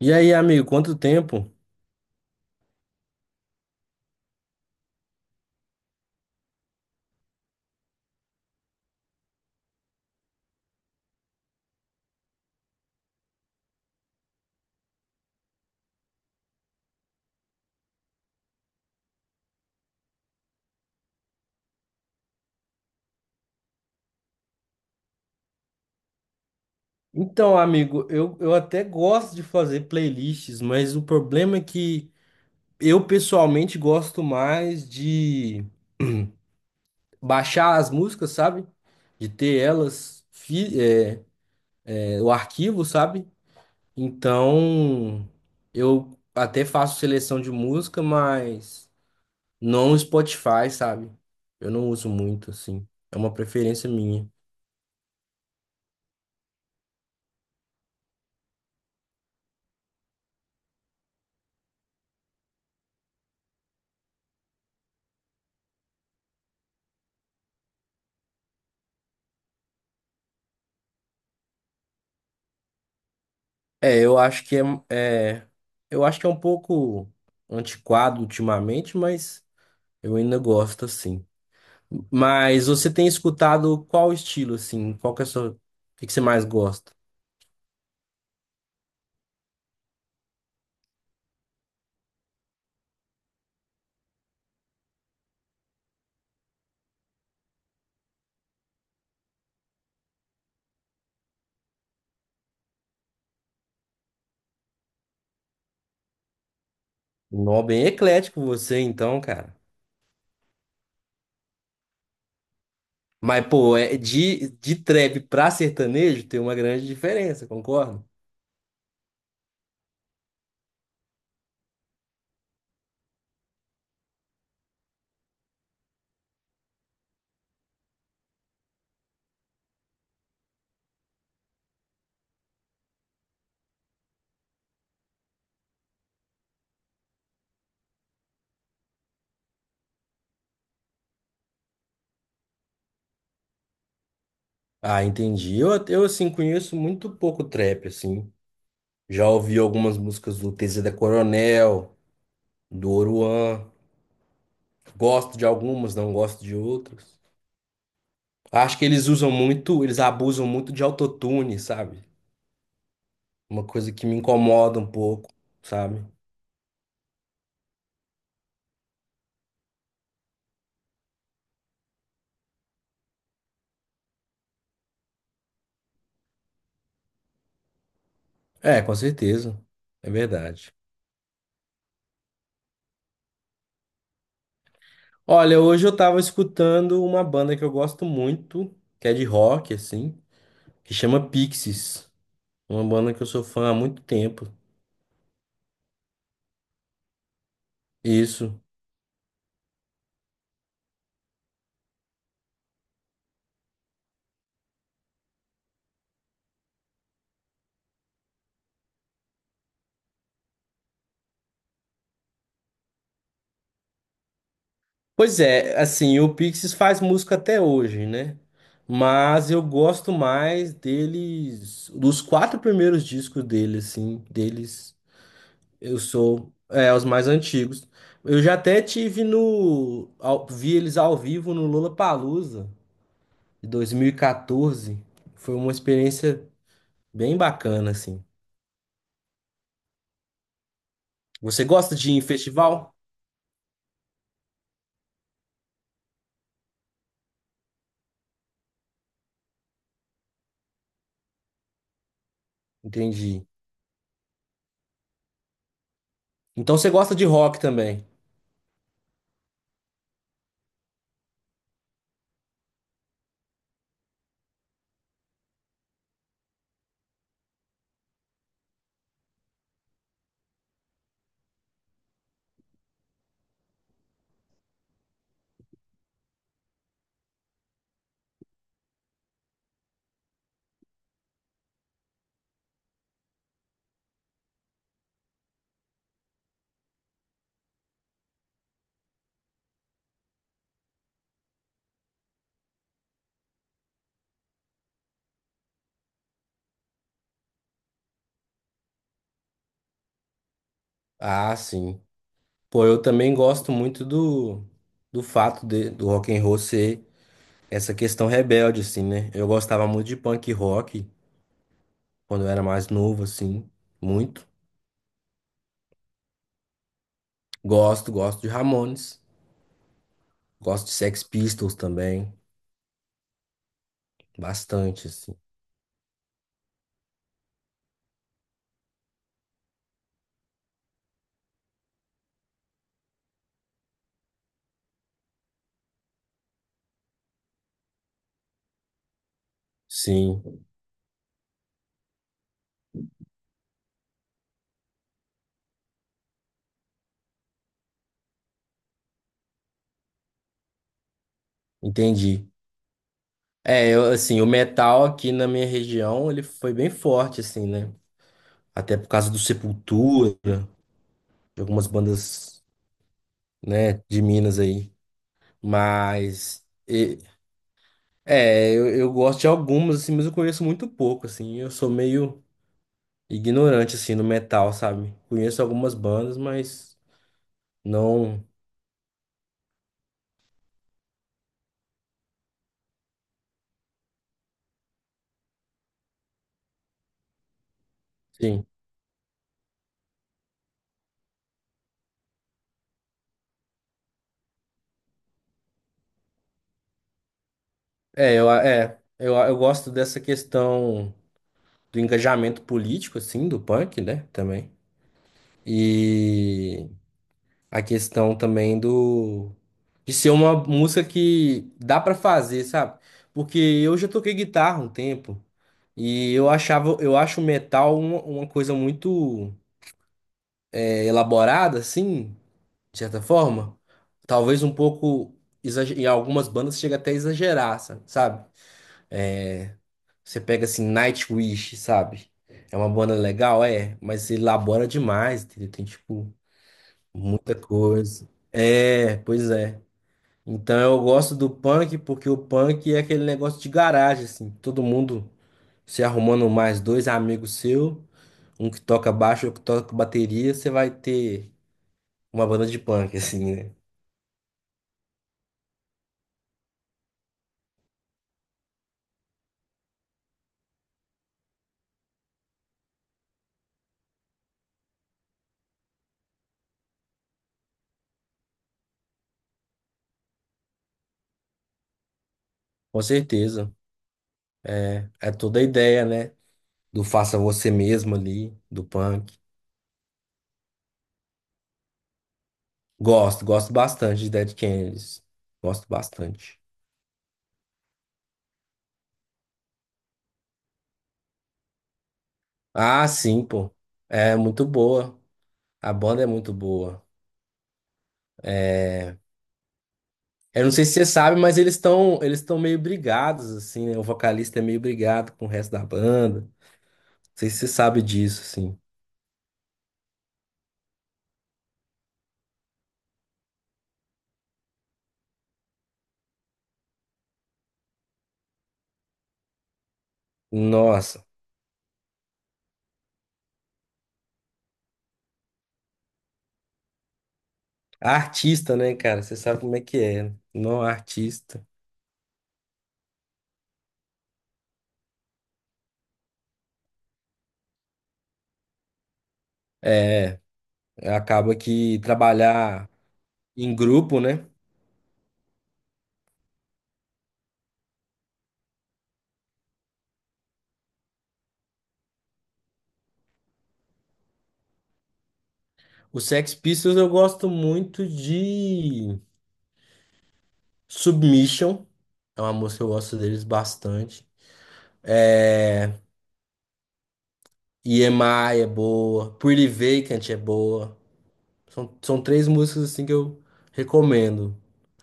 E aí, amigo, quanto tempo? Então, amigo, eu até gosto de fazer playlists, mas o problema é que eu pessoalmente gosto mais de baixar as músicas, sabe? De ter elas, o arquivo, sabe? Então, eu até faço seleção de música, mas não no Spotify, sabe? Eu não uso muito, assim. É uma preferência minha. É, é- eu acho que é um pouco antiquado ultimamente, mas eu ainda gosto assim. Mas você tem escutado qual estilo assim? Qual que é a sua, o que que você mais gosta? Um Nó, bem eclético você então, cara. Mas pô, é de trap pra sertanejo tem uma grande diferença, concorda? Ah, entendi. Eu assim conheço muito pouco trap assim. Já ouvi algumas músicas do TZ da Coronel, do Oruan. Gosto de algumas, não gosto de outras. Acho que eles usam muito, eles abusam muito de autotune, sabe? Uma coisa que me incomoda um pouco, sabe? É, com certeza. É verdade. Olha, hoje eu tava escutando uma banda que eu gosto muito, que é de rock, assim, que chama Pixies. Uma banda que eu sou fã há muito tempo. Isso. Pois é, assim, o Pixies faz música até hoje, né? Mas eu gosto mais deles, dos quatro primeiros discos deles, assim, deles, eu sou, é, os mais antigos. Eu já até tive no, ao- vi eles ao vivo no Lollapalooza de 2014. Foi uma experiência bem bacana, assim. Você gosta de ir em festival? Entendi. Então você gosta de rock também? Ah, sim. Pô, eu também gosto muito do, do fato de, do rock and roll ser essa questão rebelde, assim, né? Eu gostava muito de punk rock quando eu era mais novo, assim, muito. Gosto, gosto de Ramones, gosto de Sex Pistols também, bastante, assim. Sim, entendi. É, eu, assim, o metal aqui na minha região, ele foi bem forte, assim, né? Até por causa do Sepultura, de algumas bandas, né, de Minas aí. Mas... É, eu gosto de algumas, assim, mas eu conheço muito pouco, assim. Eu sou meio ignorante, assim, no metal, sabe? Conheço algumas bandas, mas não. Sim. Eu gosto dessa questão do engajamento político, assim, do punk, né? Também. E a questão também do de ser uma música que dá pra fazer, sabe? Porque eu já toquei guitarra um tempo. Eu acho o metal uma coisa muito, é, elaborada, assim, de certa forma. Talvez um pouco, em algumas bandas chega até a exagerar, sabe? Você pega assim, Nightwish, sabe? É uma banda legal, é, mas elabora demais, entendeu? Tem, tipo, muita coisa. É, pois é. Então eu gosto do punk porque o punk é aquele negócio de garagem, assim. Todo mundo se arrumando mais dois amigos seu, um que toca baixo, outro que toca bateria, você vai ter uma banda de punk, assim, né? Com certeza. É, é toda a ideia, né? Do faça você mesmo ali, do punk. Gosto, gosto bastante de Dead Kennedys. Gosto bastante. Ah, sim, pô. É muito boa. A banda é muito boa. É... Eu não sei se você sabe, mas eles estão meio brigados, assim, né? O vocalista é meio brigado com o resto da banda. Não sei se você sabe disso, assim. Nossa. Artista, né, cara? Você sabe como é que é, né? Não artista. Acaba que trabalhar em grupo, né? O Sex Pistols eu gosto muito de Submission. É uma música que eu gosto deles bastante. É... EMI é boa. Pretty Vacant é boa. São três músicas assim que eu recomendo.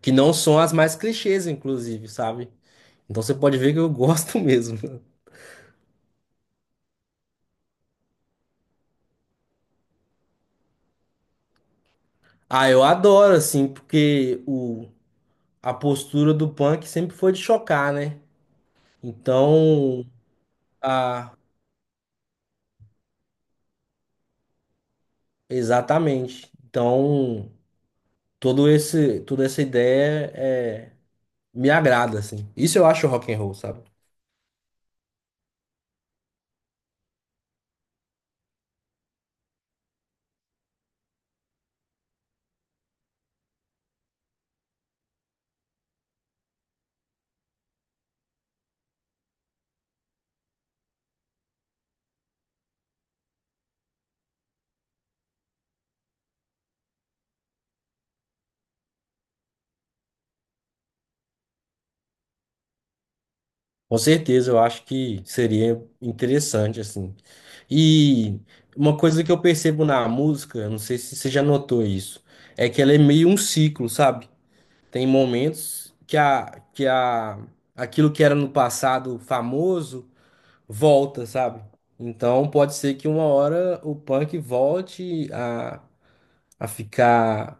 Que não são as mais clichês, inclusive, sabe? Então você pode ver que eu gosto mesmo. Ah, eu adoro, assim, porque a postura do punk sempre foi de chocar, né? Então, ah, exatamente. Então, todo esse, toda essa ideia é, me agrada, assim. Isso eu acho rock and roll, sabe? Com certeza, eu acho que seria interessante, assim. E uma coisa que eu percebo na música, eu não sei se você já notou isso, é que ela é meio um ciclo, sabe? Tem momentos aquilo que era no passado famoso volta, sabe? Então pode ser que uma hora o punk volte a ficar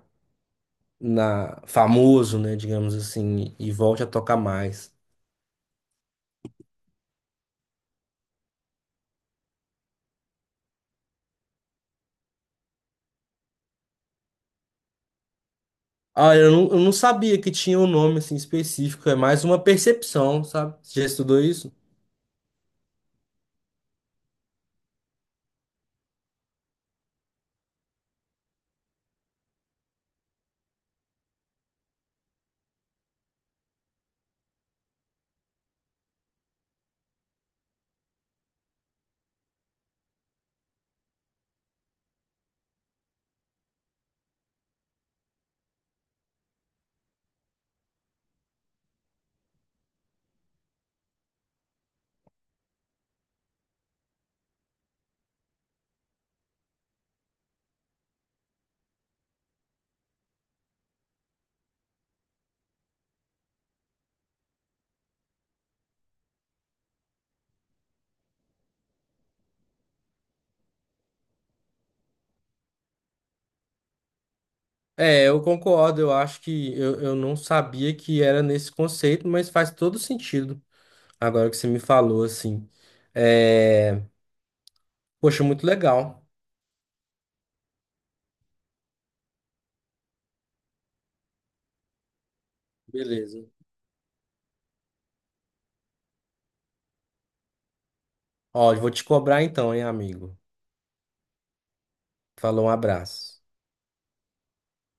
na famoso, né, digamos assim, e volte a tocar mais. Ah, eu não sabia que tinha um nome assim específico, é mais uma percepção, sabe? Você já estudou isso? É, eu concordo, eu acho que eu não sabia que era nesse conceito, mas faz todo sentido agora que você me falou, assim. É... Poxa, muito legal. Beleza. Ó, eu vou te cobrar então, hein, amigo? Falou, um abraço.